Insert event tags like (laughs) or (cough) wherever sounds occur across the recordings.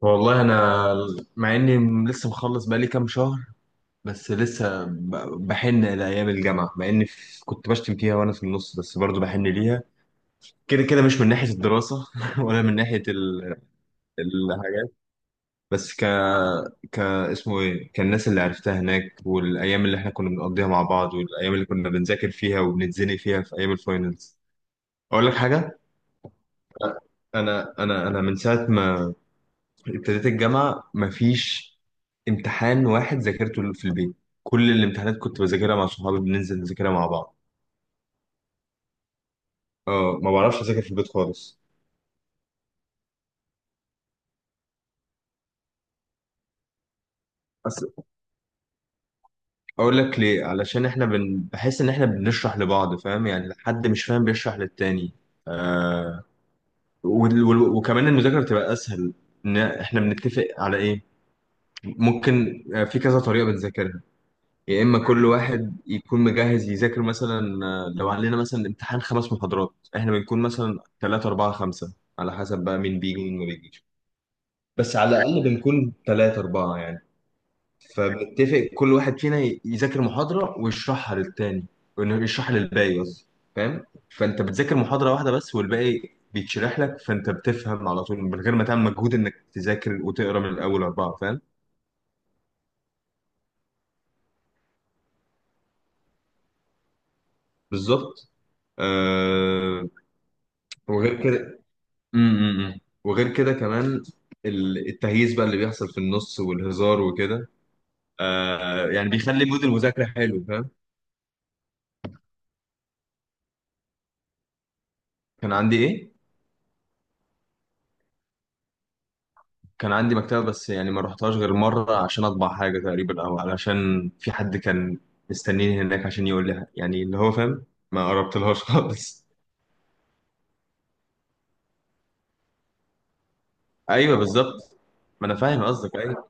والله انا مع اني لسه مخلص بقالي كام شهر، بس لسه بحن لايام الجامعه. مع اني كنت بشتم فيها وانا في النص، بس برضو بحن ليها كده كده، مش من ناحيه الدراسه (laughs) ولا من ناحيه الحاجات، بس ك اسمه ايه كالناس اللي عرفتها هناك، والايام اللي احنا كنا بنقضيها مع بعض، والايام اللي كنا بنذاكر فيها وبنتزني فيها في ايام الفاينلز. اقول لك حاجه. انا من ساعه ما ابتديت الجامعة مفيش امتحان واحد ذاكرته في البيت. كل الامتحانات كنت بذاكرها مع صحابي، بننزل نذاكرها مع بعض. اه، ما بعرفش اذاكر في البيت خالص. أصل اقول لك ليه، علشان احنا بحس ان احنا بنشرح لبعض، فاهم؟ يعني حد مش فاهم بيشرح للتاني. آه... وكمان المذاكرة بتبقى اسهل، ان احنا بنتفق على ايه ممكن. في كذا طريقة بنذاكرها، يا اما كل واحد يكون مجهز يذاكر، مثلا لو علينا مثلا امتحان خمس محاضرات احنا بنكون مثلا ثلاثة أربعة خمسة، على حسب بقى مين بيجي ومين ما بيجيش. بس على الأقل بنكون ثلاثة أربعة يعني. فبنتفق كل واحد فينا يذاكر محاضرة ويشرحها للتاني، وإنه يشرحها للباقي قصدي، فاهم؟ فأنت بتذاكر محاضرة واحدة بس، والباقي بيتشرح لك، فأنت بتفهم على طول من غير ما تعمل مجهود إنك تذاكر وتقرا من الأول أربعة، فاهم؟ بالظبط. آه وغير كده. امم، وغير كده كمان، التهييس بقى اللي بيحصل في النص والهزار وكده، آه يعني بيخلي مود المذاكرة حلو، فاهم؟ كان عندي ايه؟ كان عندي مكتبة بس يعني ما رحتهاش غير مرة عشان اطبع حاجة تقريبا، او علشان في حد كان مستنيني هناك عشان يقول لي يعني اللي هو، فاهم؟ ما قربتلهاش (laughs) خالص. ايوه بالظبط، ما انا فاهم قصدك. ايوه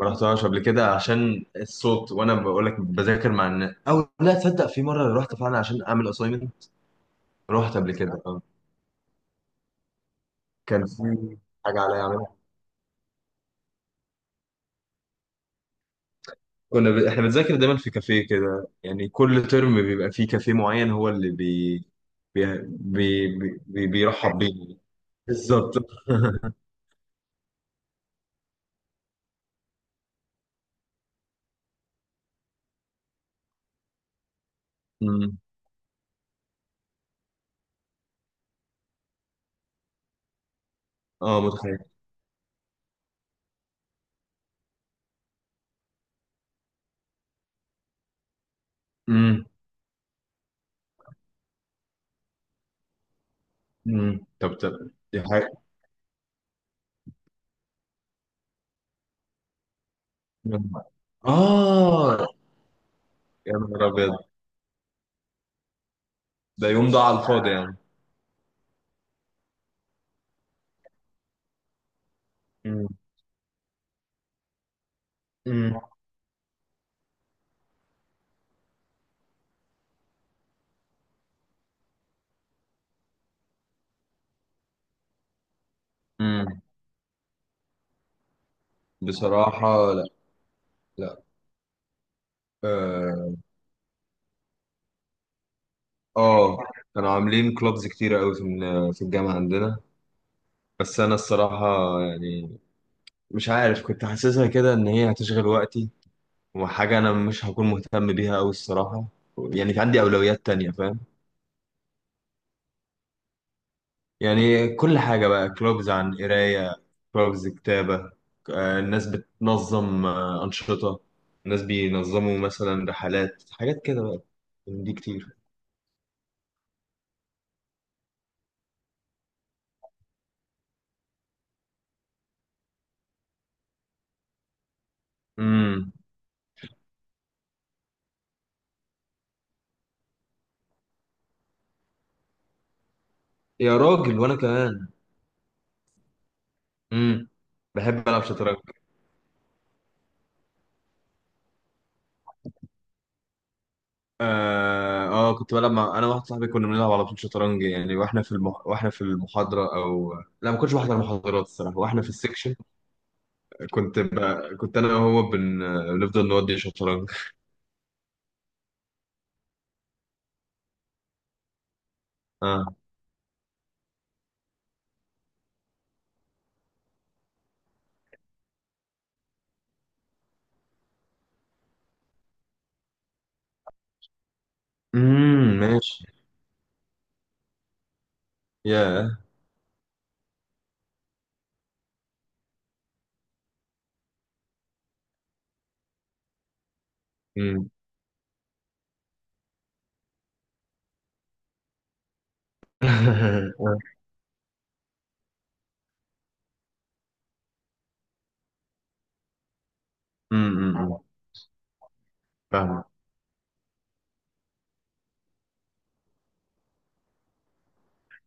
ما رحتهاش قبل كده عشان الصوت، وانا بقول لك بذاكر مع الناس. او لا تصدق، في مرة رحت فعلا عشان اعمل اسايمنت. رحت قبل كده، كان في حاجة عليا أعملها. احنا بنذاكر دايما في كافيه كده، يعني كل ترم بيبقى فيه كافيه معين هو اللي بي... بي... بيرحب بينا. بالظبط (laughs) أمم. اه متخيل. أمم. أمم. طب طب، دي حاجة. اه. يا نهار ابيض. ده يوم ده على الفاضي يعني. أمم. أمم. أمم. بصراحة لا. لا. اه. آه. كانوا عاملين كلوبز كتيرة قوي في الجامعة عندنا. بس انا الصراحة يعني مش عارف، كنت حاسسها كده ان هي هتشغل وقتي، وحاجه انا مش هكون مهتم بيها قوي الصراحه. يعني في عندي اولويات تانية، فاهم؟ يعني كل حاجه بقى، كلوبز عن قرايه، كلوبز كتابه. الناس بتنظم انشطه، الناس بينظموا مثلا رحلات، حاجات كده بقى، من دي كتير. امم. يا راجل وانا كمان. امم. بحب العب شطرنج. اه. كنت بلعب مع، انا واحد صاحبي كنا بنلعب على طول شطرنج يعني، واحنا في واحنا في المحاضره. او لا، ما كنتش بحضر محاضرات الصراحه، واحنا في السكشن. كنت ب... كنت انا وهو بن... بنفضل نودي شطرنج. اه. ماشي. يا. امم (laughs) امم فاهم.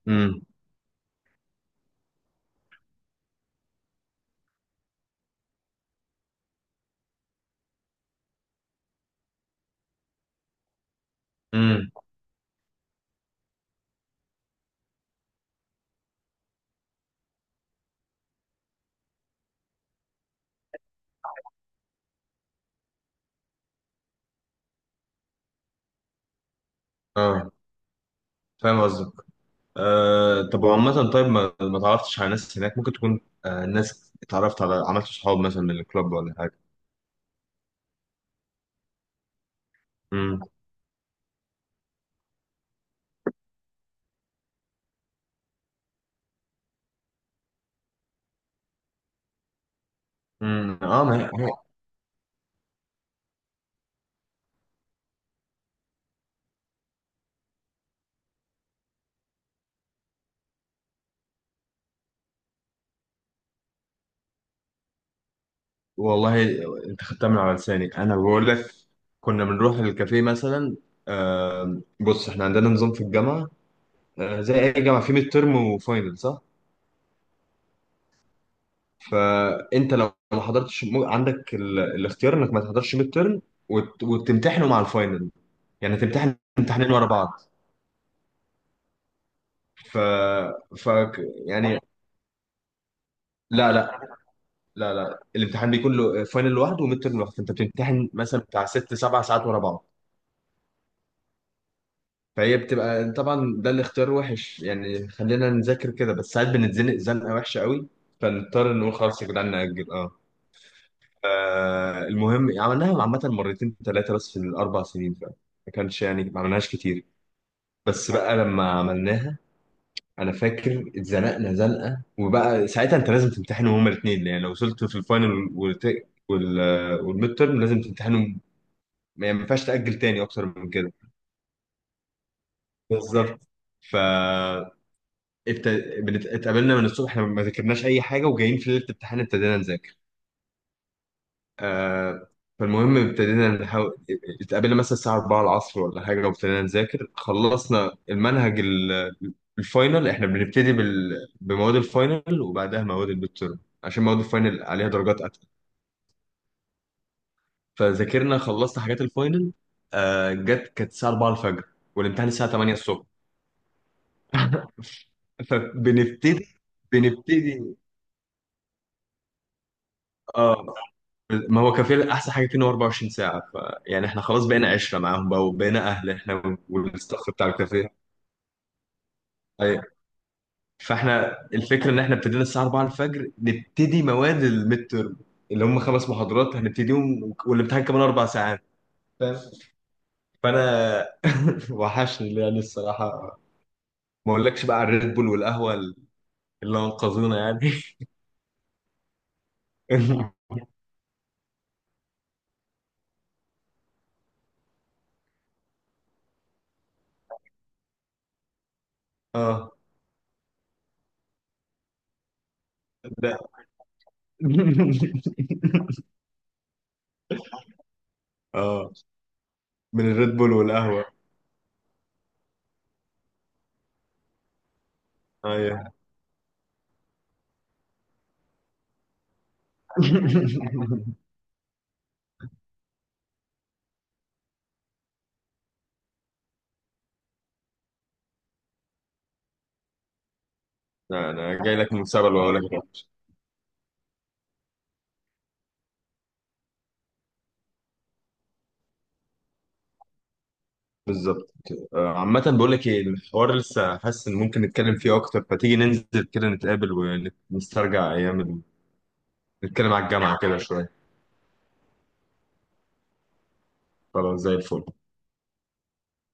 امم. امم (laughs) اه فاهم قصدك. آه طب عامة طيب، ما تعرفتش على ناس هناك ممكن تكون، آه ناس اتعرفت على، عملت صحاب مثلا من الكلوب ولا حاجة؟ امم. امم. اه ما هي. والله انت خدتها من على لساني، انا بقول لك كنا بنروح الكافيه مثلا. بص احنا عندنا نظام في الجامعه، زي اي جامعه في ميد ترم وفاينل، صح؟ فانت لو ما حضرتش عندك الاختيار انك ما تحضرش ميد ترم وتمتحنه مع الفاينل، يعني تمتحن امتحانين ورا بعض. ف... ف يعني لا لا، لا لا الامتحان بيكون له فاينل لوحده وميد ترم لوحده، فانت بتمتحن مثلا بتاع ست سبع ساعات ورا بعض. فهي بتبقى طبعا، ده الاختيار وحش يعني، خلينا نذاكر كده، بس ساعات بنتزنق زنقه وحشه قوي. فنضطر نقول خلاص يا جدعان نأجل، اه. المهم عملناها عامة مرتين ثلاثة بس في الأربع سنين فعلا، ما كانش يعني ما عملناش كتير. بس بقى لما عملناها أنا فاكر اتزنقنا زنقة، وبقى ساعتها أنت لازم تمتحنهم هما الاتنين، يعني لو وصلت في الفاينل وال والميد تيرم لازم تمتحنهم، يعني ما ينفعش تأجل تاني أكتر من كده. بالظبط. ف ابت... اتقابلنا من الصبح، احنا ما ذاكرناش اي حاجه، وجايين في ليله الامتحان ابتدينا نذاكر. آه... فالمهم ابتدينا نحاول، اتقابلنا مثلا الساعه 4 العصر ولا حاجه، وابتدينا نذاكر خلصنا المنهج الفاينل، احنا بنبتدي بمواد الفاينل، وبعدها مواد الميد تيرم، عشان مواد الفاينل عليها درجات اتقل. فذاكرنا خلصنا حاجات الفاينل. جت كانت الساعه 4 الفجر، والامتحان الساعه 8 الصبح. فبنبتدي بنبتدي. اه، ما هو كافيه احسن حاجه فيه ان هو 24 ساعه. ف يعني احنا خلاص بقينا عشره معاهم بقى، وبقينا اهل احنا والستاف بتاع الكافيه. ايوه. فاحنا الفكره ان احنا ابتدينا الساعه 4 الفجر نبتدي مواد الميد تيرم، اللي هم خمس محاضرات هنبتديهم، والامتحان كمان اربع ساعات، فاهم؟ فانا (laughs) وحشني يعني الصراحه، ما اقولكش بقى على الريد بول والقهوه اللي انقذونا يعني. (laughs) اه. لا. (laughs) اه، من الريد بول والقهوه. ايوه. (laughs) لا انا جاي لك من سبب وهقول لك الوحش. بالظبط كده. عامة بقول لك ايه الحوار، لسه حاسس ان ممكن نتكلم فيه اكتر، فتيجي ننزل كده نتقابل ونسترجع ايام نتكلم على الجامعة كده شوية. خلاص، زي الفل.